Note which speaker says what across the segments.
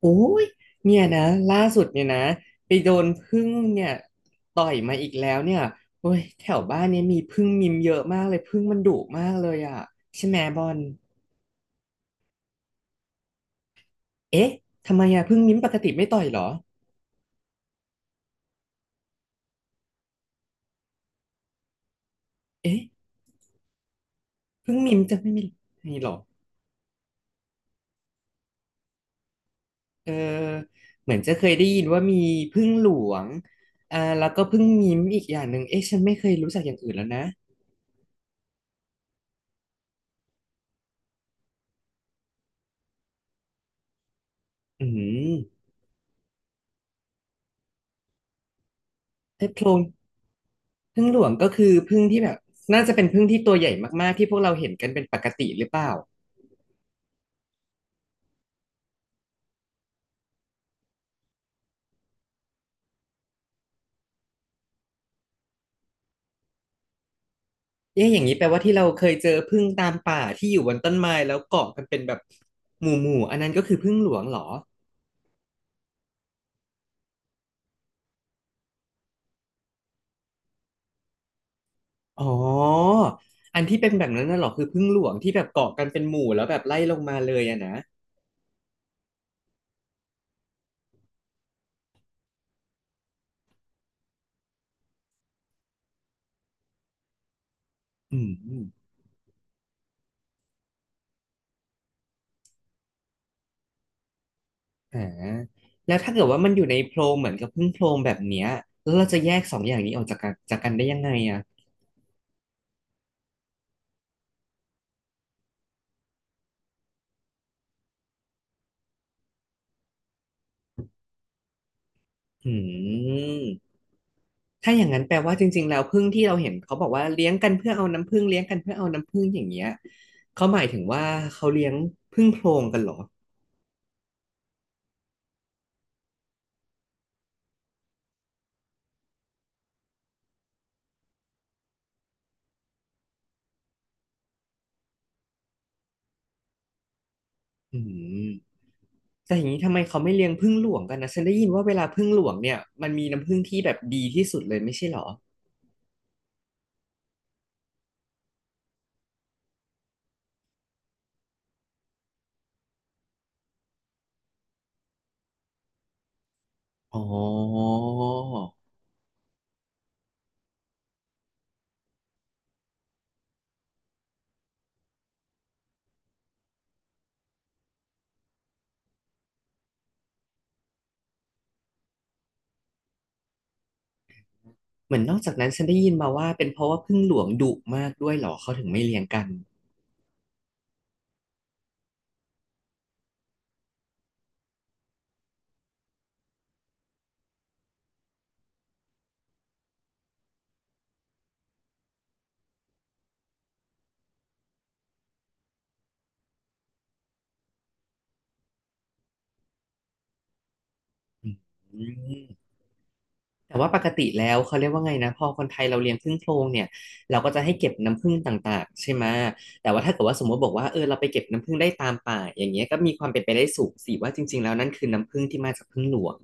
Speaker 1: โอ้ยเนี่ยนะล่าสุดเนี่ยนะไปโดนผึ้งเนี่ยต่อยมาอีกแล้วเนี่ยโอ้ยแถวบ้านเนี่ยมีผึ้งมิมเยอะมากเลยผึ้งมันดุมากเลยอ่ะใช่ไหมบอลเอ๊ะทำไมอ่ะผึ้งมิมปกติไม่ต่อยเหรอเอ๊ะผึ้งมิมจะไม่มีมีเหรอเออเหมือนจะเคยได้ยินว่ามีผึ้งหลวงแล้วก็ผึ้งมิมอีกอย่างหนึ่งเอ๊ะฉันไม่เคยรู้จักอย่างอื่นแล้วนะอืมไอ้โพรง ผึ้งหลวงก็คือผึ้งที่แบบน่าจะเป็นผึ้งที่ตัวใหญ่มากๆที่พวกเราเห็นกันเป็นปกติหรือเปล่าเอ๊ะอย่างนี้แปลว่าที่เราเคยเจอผึ้งตามป่าที่อยู่บนต้นไม้แล้วเกาะกันเป็นแบบหมู่ๆู่อันนั้นก็คือผึ้งหลวงเหรออ๋ออันที่เป็นแบบนั้นน่ะเหรอคือผึ้งหลวงที่แบบเกาะกันเป็นหมู่แล้วแบบไล่ลงมาเลยอะนะอืมอ่าแล้วถ้าเกิดว่ามันอยู่ในโพรงเหมือนกับผึ้งโพรงแบบเนี้ยแล้วเราจะแยกสองอย่างนี้ออกจากกันได้ยังไงอะอืม ถ้าอย่างนั้นแปลว่าจริงๆแล้วผึ้งที่เราเห็นเขาบอกว่าเลี้ยงกันเพื่อเอาน้ำผึ้งอย่างเงี้ยเขาหมายถึงว่าเขาเลี้ยงผึ้งโพรงกันเหรออืมแต่อย่างนี้ทำไมเขาไม่เลี้ยงผึ้งหลวงกันนะฉันได้ยินว่าเวลาผึ้งหลวงเนี่ยมันมีน้ำผึ้งที่แบบดีที่สุดเลยไม่ใช่เหรออ๋อเหมือนนอกจากนั้นฉันได้ยินมาว่าเป็นเพราะว่าผึ้งหลวงดุมากด้วยเหรอเขาถึงไม่เลี้ยงกันอืม แต่ว่าปกติแล้วเขาเรียกว่าไงนะพอคนไทยเราเลี้ยงผึ้งโพรงเนี่ยเราก็จะให้เก็บน้ำผึ้งต่างๆใช่ไหมแต่ว่าถ้าเกิดว่าสมมติบอกว่าเออเราไปเก็บน้ำผึ้งได้ตามป่าอย่างเงี้ยก็มีความเป็นไปได้สูงสิว่าจริงๆแล้วนั่นคือน้ำผึ้งที่มาจากผึ้งหลวง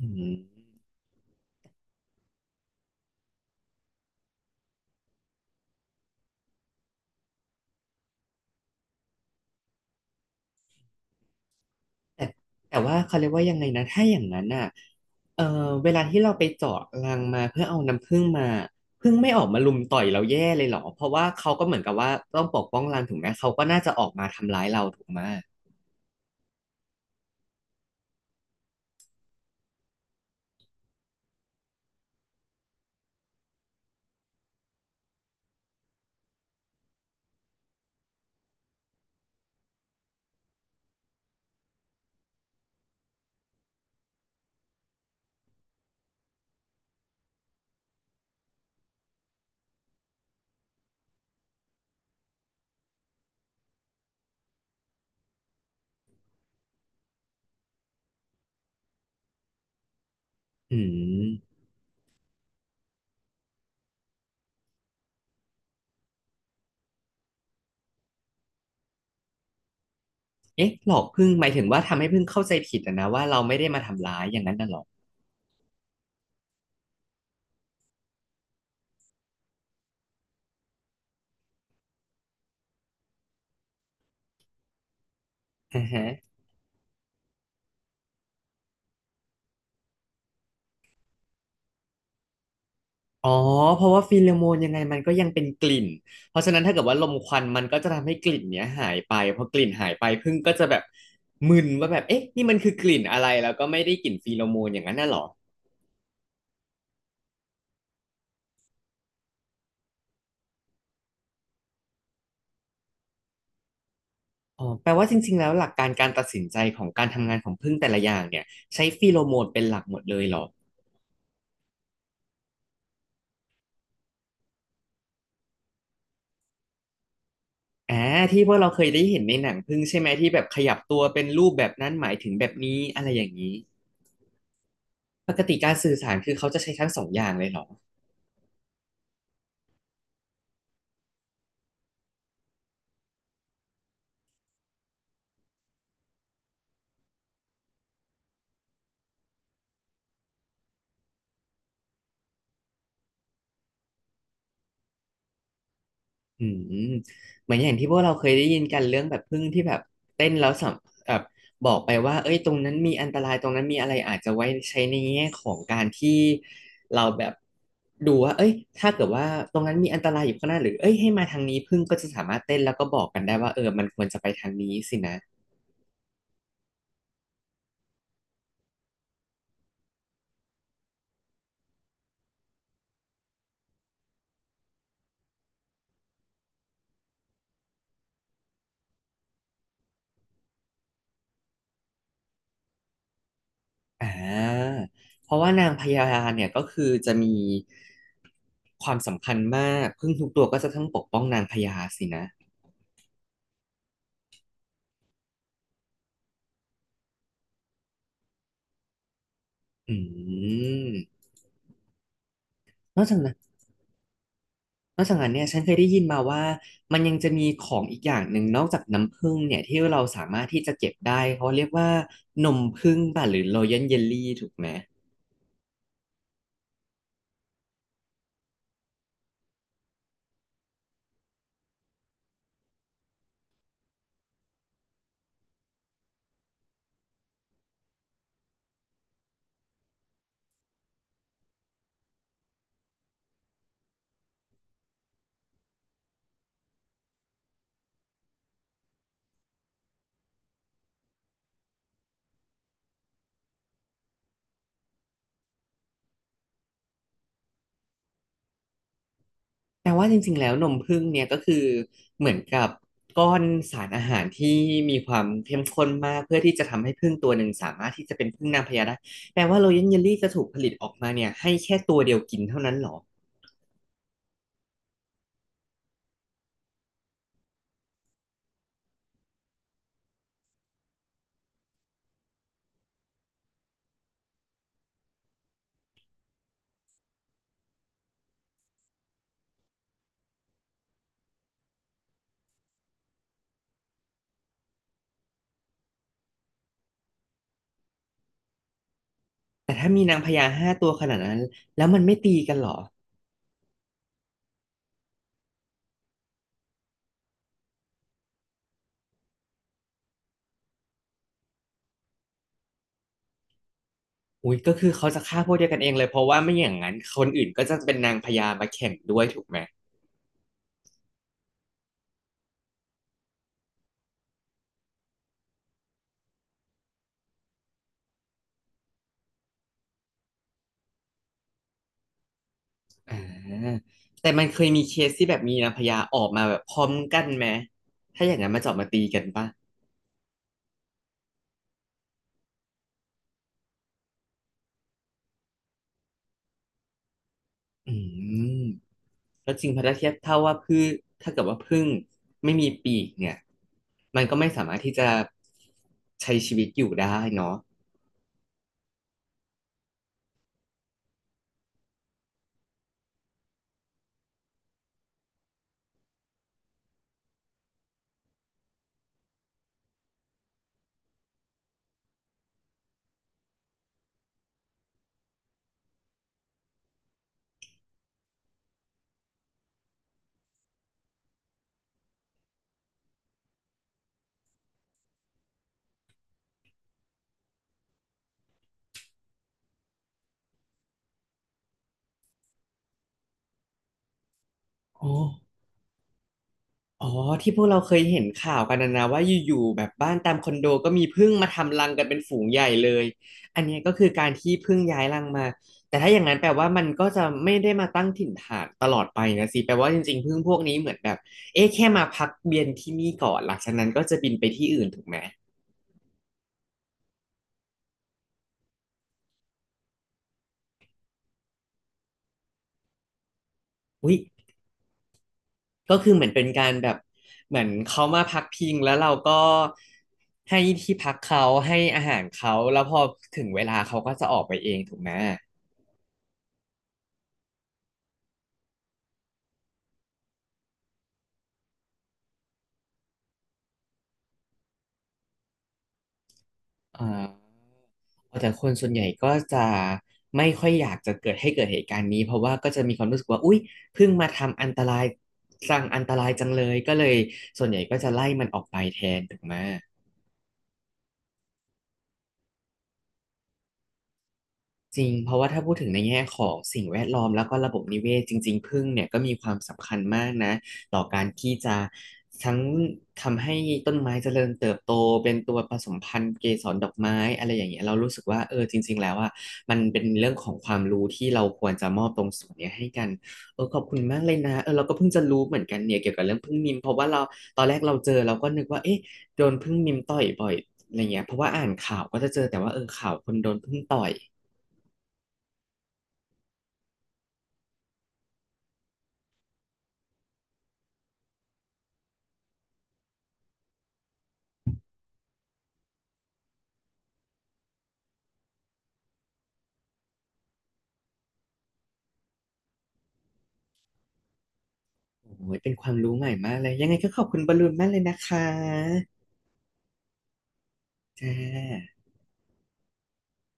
Speaker 1: อืมแต่แต่ว่าเขาเรียกว่ายังไงนะถ้าอย่างนั้นอ่ะเออเวลาที่เราไปเจาะรังมาเพื่อเอาน้ำผึ้งมาผึ้งไม่ออกมารุมต่อยเราแย่เลยเหรอเพราะว่าเขาก็เหมือนกับว่าต้องปกป้องรังถูกไหมเขาก็น่าจะออกมาทำร้ายเราถูกไหมอืม เอ๊ะหลอกผึ้งหมายถึงว่าทำให้ผึ้งเข้าใจผิดอะนะว่าเราไม่ได้มาทำร้ายอย่างนั้นน่ะหรออ่าฮะอ๋อเพราะว่าฟีโรโมนยังไงมันก็ยังเป็นกลิ่นเพราะฉะนั้นถ้าเกิดว่าลมควันมันก็จะทำให้กลิ่นเนี้ยหายไปพอกลิ่นหายไปผึ้งก็จะแบบมึนว่าแบบเอ๊ะนี่มันคือกลิ่นอะไรแล้วก็ไม่ได้กลิ่นฟีโรโมนอย่างนั้นน่ะหรออ๋อแปลว่าจริงๆแล้วหลักการการตัดสินใจของการทำงานของผึ้งแต่ละอย่างเนี่ยใช้ฟีโรโมนเป็นหลักหมดเลยเหรออ่าที่พวกเราเคยได้เห็นในหนังผึ้งใช่ไหมที่แบบขยับตัวเป็นรูปแบบนั้นหมายถึงแบบนี้อะไรอย่างนี้ ปกติการสื่อสารคือเขาจะใช้ทั้งสองอย่างเลยเหรออืมเหมือนอย่างที่พวกเราเคยได้ยินกันเรื่องแบบพึ่งที่แบบเต้นแล้วสัมแบบบอกไปว่าเอ้ยตรงนั้นมีอันตรายตรงนั้นมีอะไรอาจจะไว้ใช้ในแง่ของการที่เราแบบดูว่าเอ้ยถ้าเกิดว่าตรงนั้นมีอันตรายอยู่ข้างหน้าหรือเอ้ยให้มาทางนี้พึ่งก็จะสามารถเต้นแล้วก็บอกกันได้ว่าเออมันควรจะไปทางนี้สินะ อ่าเพราะว่านางพญาเนี่ยก็คือจะมีความสำคัญมากพึ่งทุกตัวก็จะต้องปกป้องนางพญาสินะอืมนอกจากนั้นนอกจากนั้นเนี่ยฉันเคยได้ยินมาว่ามันยังจะมีของอีกอย่างหนึ่งนอกจากน้ำผึ้งเนี่ยที่เราสามารถที่จะเก็บได้เขาเรียกว่านมผึ้งป่ะหรือ Royal Jelly ถูกไหม แต่ว่าจริงๆแล้วนมผึ้งเนี่ยก็คือเหมือนกับก้อนสารอาหารที่มีความเข้มข้นมากเพื่อที่จะทำให้ผึ้งตัวหนึ่งสามารถที่จะเป็นผึ้งนางพญาได้แปลว่าโรยัลเยลลี่จะถูกผลิตออกมาเนี่ยให้แค่ตัวเดียวกินเท่านั้นเหรอแต่ถ้ามีนางพญา5ตัวขนาดนั้นแล้วมันไม่ตีกันเหรออุ้ยก็คือเขาจะฆ่าพวกเดียวกันเองเลยเพราะว่าไม่อย่างนั้นคนอื่นก็จะเป็นนางพญามาแข่งด้วยถูกไหมอ่าแต่มันเคยมีเคสที่แบบมีนางพญาออกมาแบบพร้อมกันไหมถ้าอย่างนั้นมาจอบมาตีกันป่ะ อืมก็จริงเพราะถ้าเทียบเท่าว่าพืชถ้าเกิดว่าผึ้งไม่มีปีกเนี่ยมันก็ไม่สามารถที่จะใช้ชีวิตอยู่ได้เนาะอ๋ออ๋อที่พวกเราเคยเห็นข่าวกันนะนะว่าอยู่ๆแบบบ้านตามคอนโดก็มีผึ้งมาทำรังกันเป็นฝูงใหญ่เลยอันเนี้ยก็คือการที่ผึ้งย้ายรังมาแต่ถ้าอย่างนั้นแปลว่ามันก็จะไม่ได้มาตั้งถิ่นฐานตลอดไปนะสิแปลว่าจริงๆผึ้งพวกนี้เหมือนแบบเอ๊ะแค่มาพักเวียนที่นี่ก่อนหลังจากนั้นก็จะบินไปที่อื่นถูกไหมอุ้ย ก็คือเหมือนเป็นการแบบเหมือนเขามาพักพิงแล้วเราก็ให้ที่พักเขาให้อาหารเขาแล้วพอถึงเวลาเขาก็จะออกไปเองถูกไหมอ่าแต่คนส่วนใหญ่ก็จะไม่ค่อยอยากจะเกิดให้เกิดเหตุการณ์นี้เพราะว่าก็จะมีความรู้สึกว่าอุ๊ยเพิ่งมาทำอันตรายสร้างอันตรายจังเลยก็เลยส่วนใหญ่ก็จะไล่มันออกไปแทนถูกไหม จริงเพราะว่าถ้าพูดถึงในแง่ของสิ่งแวดล้อมแล้วก็ระบบนิเวศจริงๆผึ้งเนี่ยก็มีความสำคัญมากนะต่อการที่จะทั้งทำให้ต้นไม้เจริญเติบโตเป็นตัวผสมพันธุ์เกสรดอกไม้อะไรอย่างเงี้ยเรารู้สึกว่าเออจริงๆแล้วอ่ะมันเป็นเรื่องของความรู้ที่เราควรจะมอบตรงส่วนเนี้ยให้กันเออขอบคุณมากเลยนะเออเราก็เพิ่งจะรู้เหมือนกันเนี่ยเกี่ยวกับเรื่องผึ้งนิมเพราะว่าเราตอนแรกเราเจอเราก็นึกว่าเอ๊ะโดนผึ้งนิมต่อยบ่อยอะไรเงี้ยเพราะว่าอ่านข่าวก็จะเจอแต่ว่าเออข่าวคนโดนผึ้งต่อย โอ้ย เป็นความรู้ใหม่มากเลย ยังไงก็ขอบคุณบอลลูนมากเลยนะคะจ้า